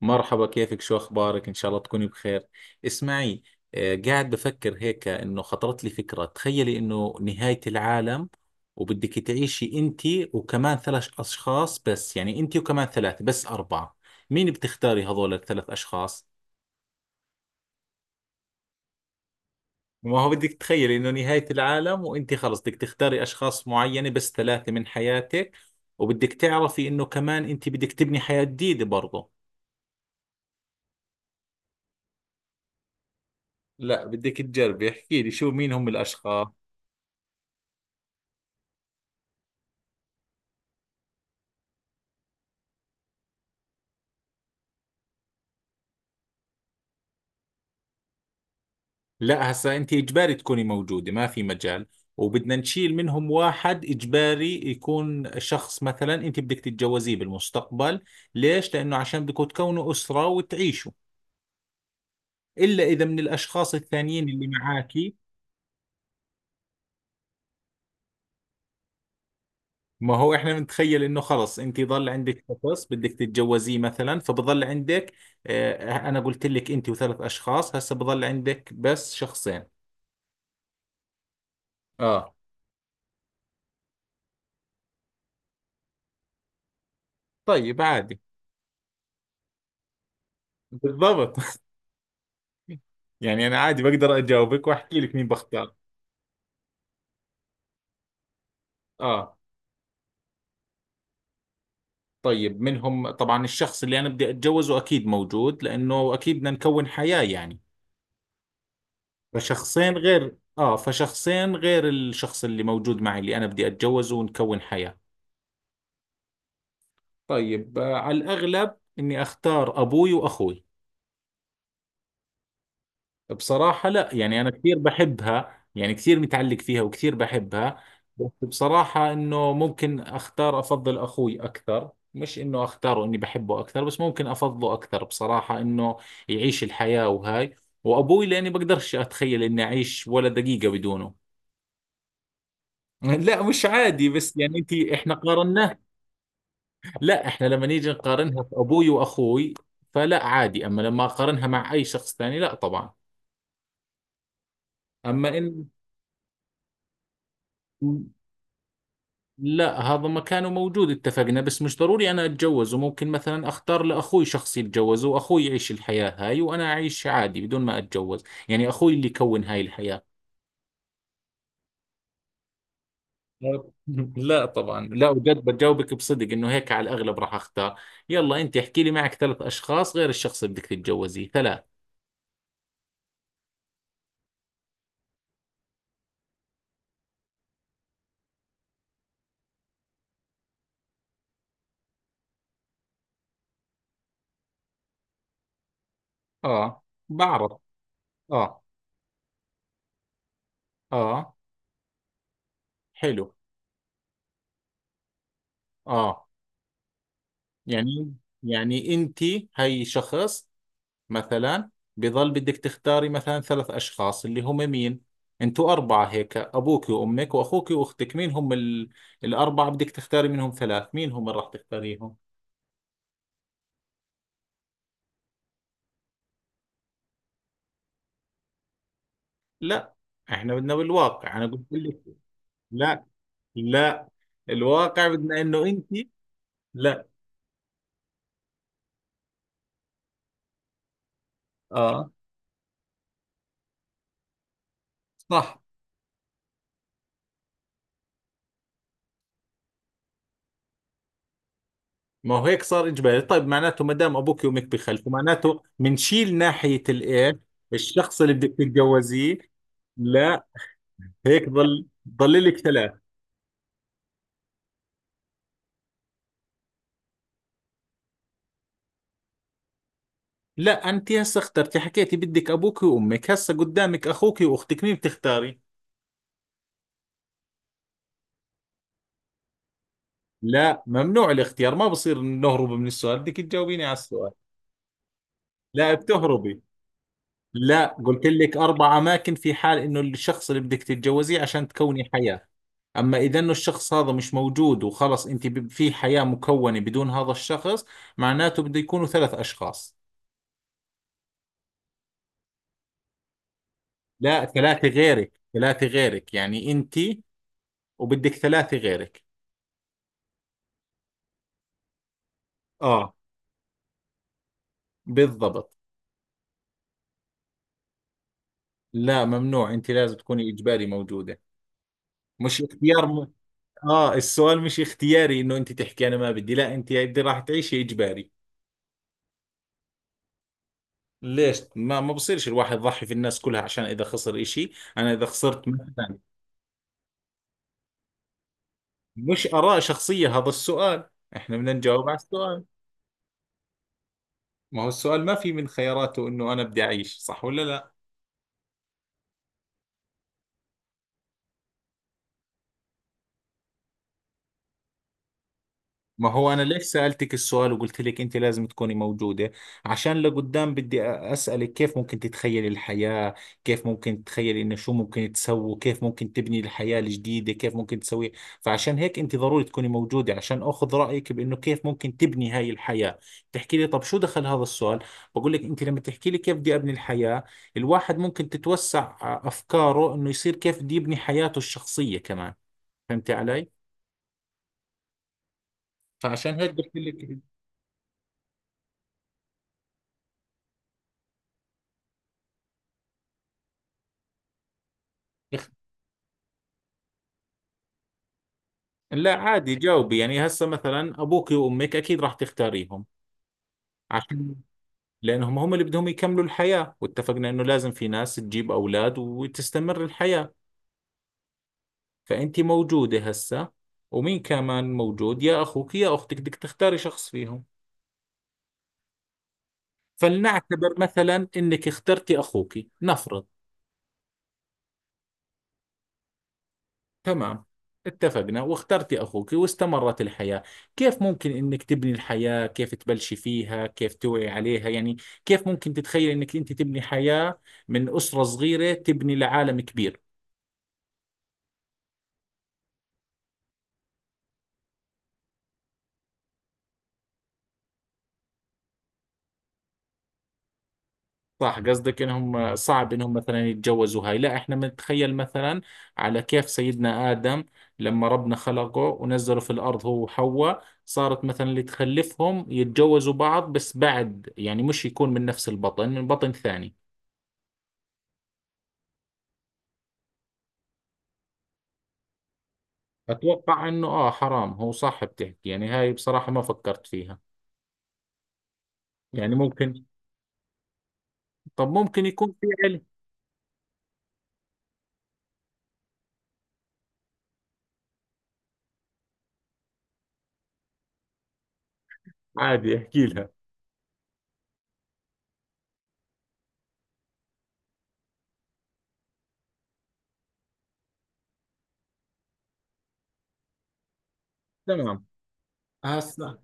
مرحبا، كيفك، شو أخبارك؟ إن شاء الله تكوني بخير. اسمعي. قاعد بفكر هيك إنه خطرت لي فكرة. تخيلي إنه نهاية العالم وبدك تعيشي أنت وكمان ثلاث أشخاص، بس يعني أنت وكمان ثلاثة، بس أربعة. مين بتختاري هذول الثلاث أشخاص؟ ما هو بدك تخيلي إنه نهاية العالم، وأنت خلص بدك تختاري أشخاص معينة، بس ثلاثة من حياتك. وبدك تعرفي إنه كمان أنت بدك تبني حياة جديدة برضه. لا، بدك تجربي، احكي لي شو، مين هم الأشخاص. لا، هسا انت اجباري تكوني موجوده، ما في مجال. وبدنا نشيل منهم واحد، اجباري يكون شخص مثلا انت بدك تتجوزيه بالمستقبل. ليش؟ لانه عشان بدكم تكونوا اسره وتعيشوا. الا اذا من الاشخاص الثانيين اللي معاكي. ما هو احنا بنتخيل انه خلص انت ضل عندك شخص بدك تتجوزيه مثلا، فبضل عندك. اه. انا قلت لك انت وثلاث اشخاص، هسا بضل عندك بس شخصين. اه، طيب، عادي. بالضبط. يعني انا عادي، بقدر اجاوبك واحكي لك مين بختار. اه، طيب، منهم طبعا الشخص اللي انا بدي اتجوزه اكيد موجود، لانه اكيد بدنا نكون حياة يعني. فشخصين غير الشخص اللي موجود معي، اللي انا بدي اتجوزه ونكون حياة. طيب، على الاغلب اني اختار ابوي واخوي. بصراحة لا، يعني أنا كثير بحبها، يعني كثير متعلق فيها وكثير بحبها، بس بصراحة إنه ممكن أختار أفضل أخوي أكثر، مش إنه أختاره إني بحبه أكثر، بس ممكن أفضله أكثر بصراحة، إنه يعيش الحياة وهاي. وأبوي لأني بقدرش أتخيل إني أعيش ولا دقيقة بدونه. لا، مش عادي، بس يعني أنت، إحنا قارناه. لا، إحنا لما نيجي نقارنها في أبوي وأخوي، فلا عادي، أما لما أقارنها مع أي شخص ثاني لا طبعا. أما إن. لا، هذا مكانه موجود اتفقنا، بس مش ضروري انا اتجوز، وممكن مثلا اختار لاخوي شخص يتجوز واخوي يعيش الحياة هاي، وانا اعيش عادي بدون ما اتجوز. يعني اخوي اللي يكون هاي الحياة. لا لا طبعا، لا وجد بجاوبك بصدق انه هيك على الاغلب راح اختار. يلا انت احكي لي، معك ثلاث اشخاص غير الشخص اللي بدك تتجوزيه، ثلاث. اه، بعرف. اه، اه، حلو، اه. يعني يعني انت، هي شخص مثلا، بظل بدك تختاري مثلا ثلاث أشخاص اللي هم مين. أنتوا أربعة هيك، أبوك وأمك وأخوك وأختك، مين هم الأربعة بدك تختاري منهم ثلاث، مين هم اللي راح تختاريهم. لا، إحنا بدنا بالواقع، أنا قلت لك. لا، لا، الواقع بدنا إنه أنت. لا، آه، صح. ما هو هيك صار إجباري. طيب، معناته ما دام أبوك وأمك بخلفوا، معناته منشيل ناحية الإيه، الشخص اللي بدك تتجوزيه. لا، هيك ضل لك ثلاث. لا، انت هسه اخترتي، حكيتي بدك ابوك وامك، هسه قدامك اخوك واختك، مين بتختاري؟ لا، ممنوع الاختيار، ما بصير نهرب من السؤال، بدك تجاوبيني على السؤال. لا، بتهربي. لا، قلت لك اربع اماكن في حال انه الشخص اللي بدك تتجوزيه عشان تكوني حياة. اما اذا انه الشخص هذا مش موجود، وخلص انت في حياة مكونة بدون هذا الشخص، معناته بده يكونوا ثلاث اشخاص. لا، ثلاثة غيرك، يعني انت، وبدك ثلاثة غيرك. اه، بالضبط. لا، ممنوع، انت لازم تكوني اجباري موجوده، مش اختيار اه، السؤال مش اختياري، انه انت تحكي انا ما بدي، لا انت بدي راح تعيشي اجباري. ليش؟ ما بصيرش الواحد يضحي في الناس كلها عشان اذا خسر اشي؟ انا اذا خسرت مثلا. مش اراء شخصيه هذا السؤال، احنا بدنا نجاوب على السؤال. ما هو السؤال ما في من خياراته انه انا بدي اعيش، صح ولا لا؟ ما هو أنا ليش سألتك السؤال وقلت لك أنت لازم تكوني موجودة؟ عشان لقدام بدي أسألك كيف ممكن تتخيلي الحياة، كيف ممكن تتخيلي إنه شو ممكن تسووا، كيف ممكن تبني الحياة الجديدة، كيف ممكن تسوي. فعشان هيك أنت ضروري تكوني موجودة، عشان أخذ رأيك بإنه كيف ممكن تبني هاي الحياة. تحكي لي، طب شو دخل هذا السؤال؟ بقول لك أنت لما تحكي لي كيف بدي أبني الحياة، الواحد ممكن تتوسع أفكاره إنه يصير كيف بده يبني حياته الشخصية كمان، فهمتي علي؟ فعشان هيك قلت لك. لا، عادي، جاوبي، يعني هسه مثلا ابوك وامك اكيد راح تختاريهم، عشان لانهم هم اللي بدهم يكملوا الحياة، واتفقنا انه لازم في ناس تجيب اولاد وتستمر الحياة. فانت موجودة هسه، ومين كمان موجود، يا اخوك يا اختك، بدك تختاري شخص فيهم. فلنعتبر مثلا انك اخترتي اخوك، نفرض. تمام، اتفقنا، واخترت أخوك واستمرت الحياة. كيف ممكن إنك تبني الحياة، كيف تبلشي فيها، كيف توعي عليها يعني، كيف ممكن تتخيل إنك أنت تبني حياة من أسرة صغيرة تبني لعالم كبير. صح، قصدك إنهم صعب إنهم مثلا يتجوزوا هاي. لا، إحنا بنتخيل مثلا على كيف سيدنا آدم، لما ربنا خلقه ونزله في الأرض هو وحواء، صارت مثلا اللي تخلفهم يتجوزوا بعض، بس بعد يعني مش يكون من نفس البطن، من بطن ثاني. أتوقع إنه حرام، هو صح بتحكي، يعني هاي بصراحة ما فكرت فيها. يعني ممكن، طب ممكن يكون في علم. عادي، أحكي لها. تمام. هسا،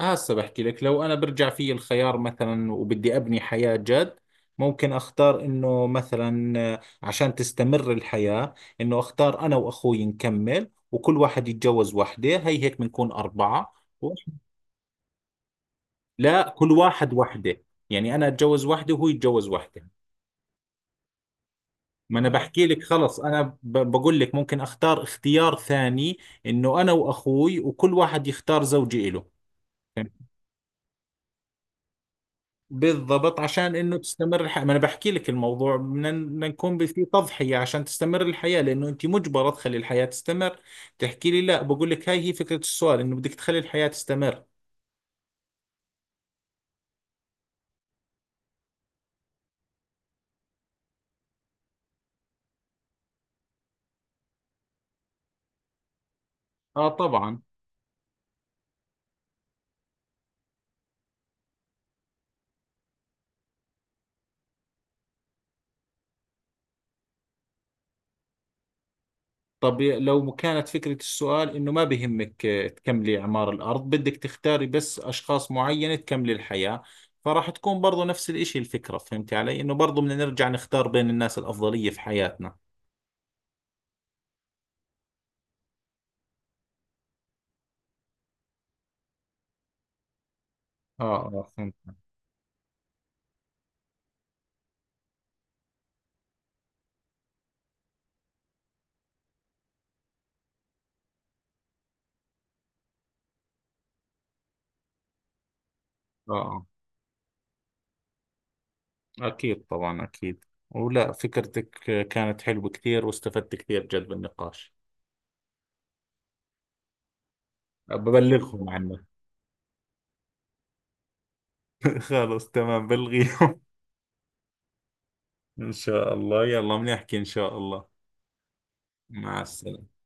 بحكي لك، لو أنا برجع في الخيار مثلا، وبدي أبني حياة جد، ممكن أختار إنه مثلا، عشان تستمر الحياة، إنه أختار أنا وأخوي نكمل، وكل واحد يتجوز وحده، هي هيك بنكون أربعة. لا، كل واحد وحده، يعني أنا أتجوز وحده وهو يتجوز وحده. ما انا بحكي لك، خلص انا بقول لك ممكن اختار اختيار ثاني، انه انا واخوي وكل واحد يختار زوجة إله، فهمت؟ بالضبط، عشان انه تستمر الحياة. ما انا بحكي لك الموضوع، بدنا، نكون في تضحية عشان تستمر الحياة، لانه انت مجبرة تخلي الحياة تستمر. تحكي لي، لا بقول لك، هاي هي فكرة السؤال، انه بدك تخلي الحياة تستمر. اه، طبعا. طب لو كانت فكرة السؤال إنه ما بهمك، تكملي إعمار الأرض، بدك تختاري بس أشخاص معينة تكملي الحياة، فراح تكون برضو نفس الإشي الفكرة، فهمتي علي؟ إنه برضو بدنا نرجع نختار بين الناس الأفضلية في حياتنا. آه، آه، فهمت. آه، آه، أكيد، طبعا، أكيد. ولا فكرتك، كانت حلوة كثير، واستفدت كثير جد بالنقاش. ببلغهم عنك. خلاص، تمام، بلغيهم. إن شاء الله، يلا، بنحكي إن شاء الله. مع السلامة.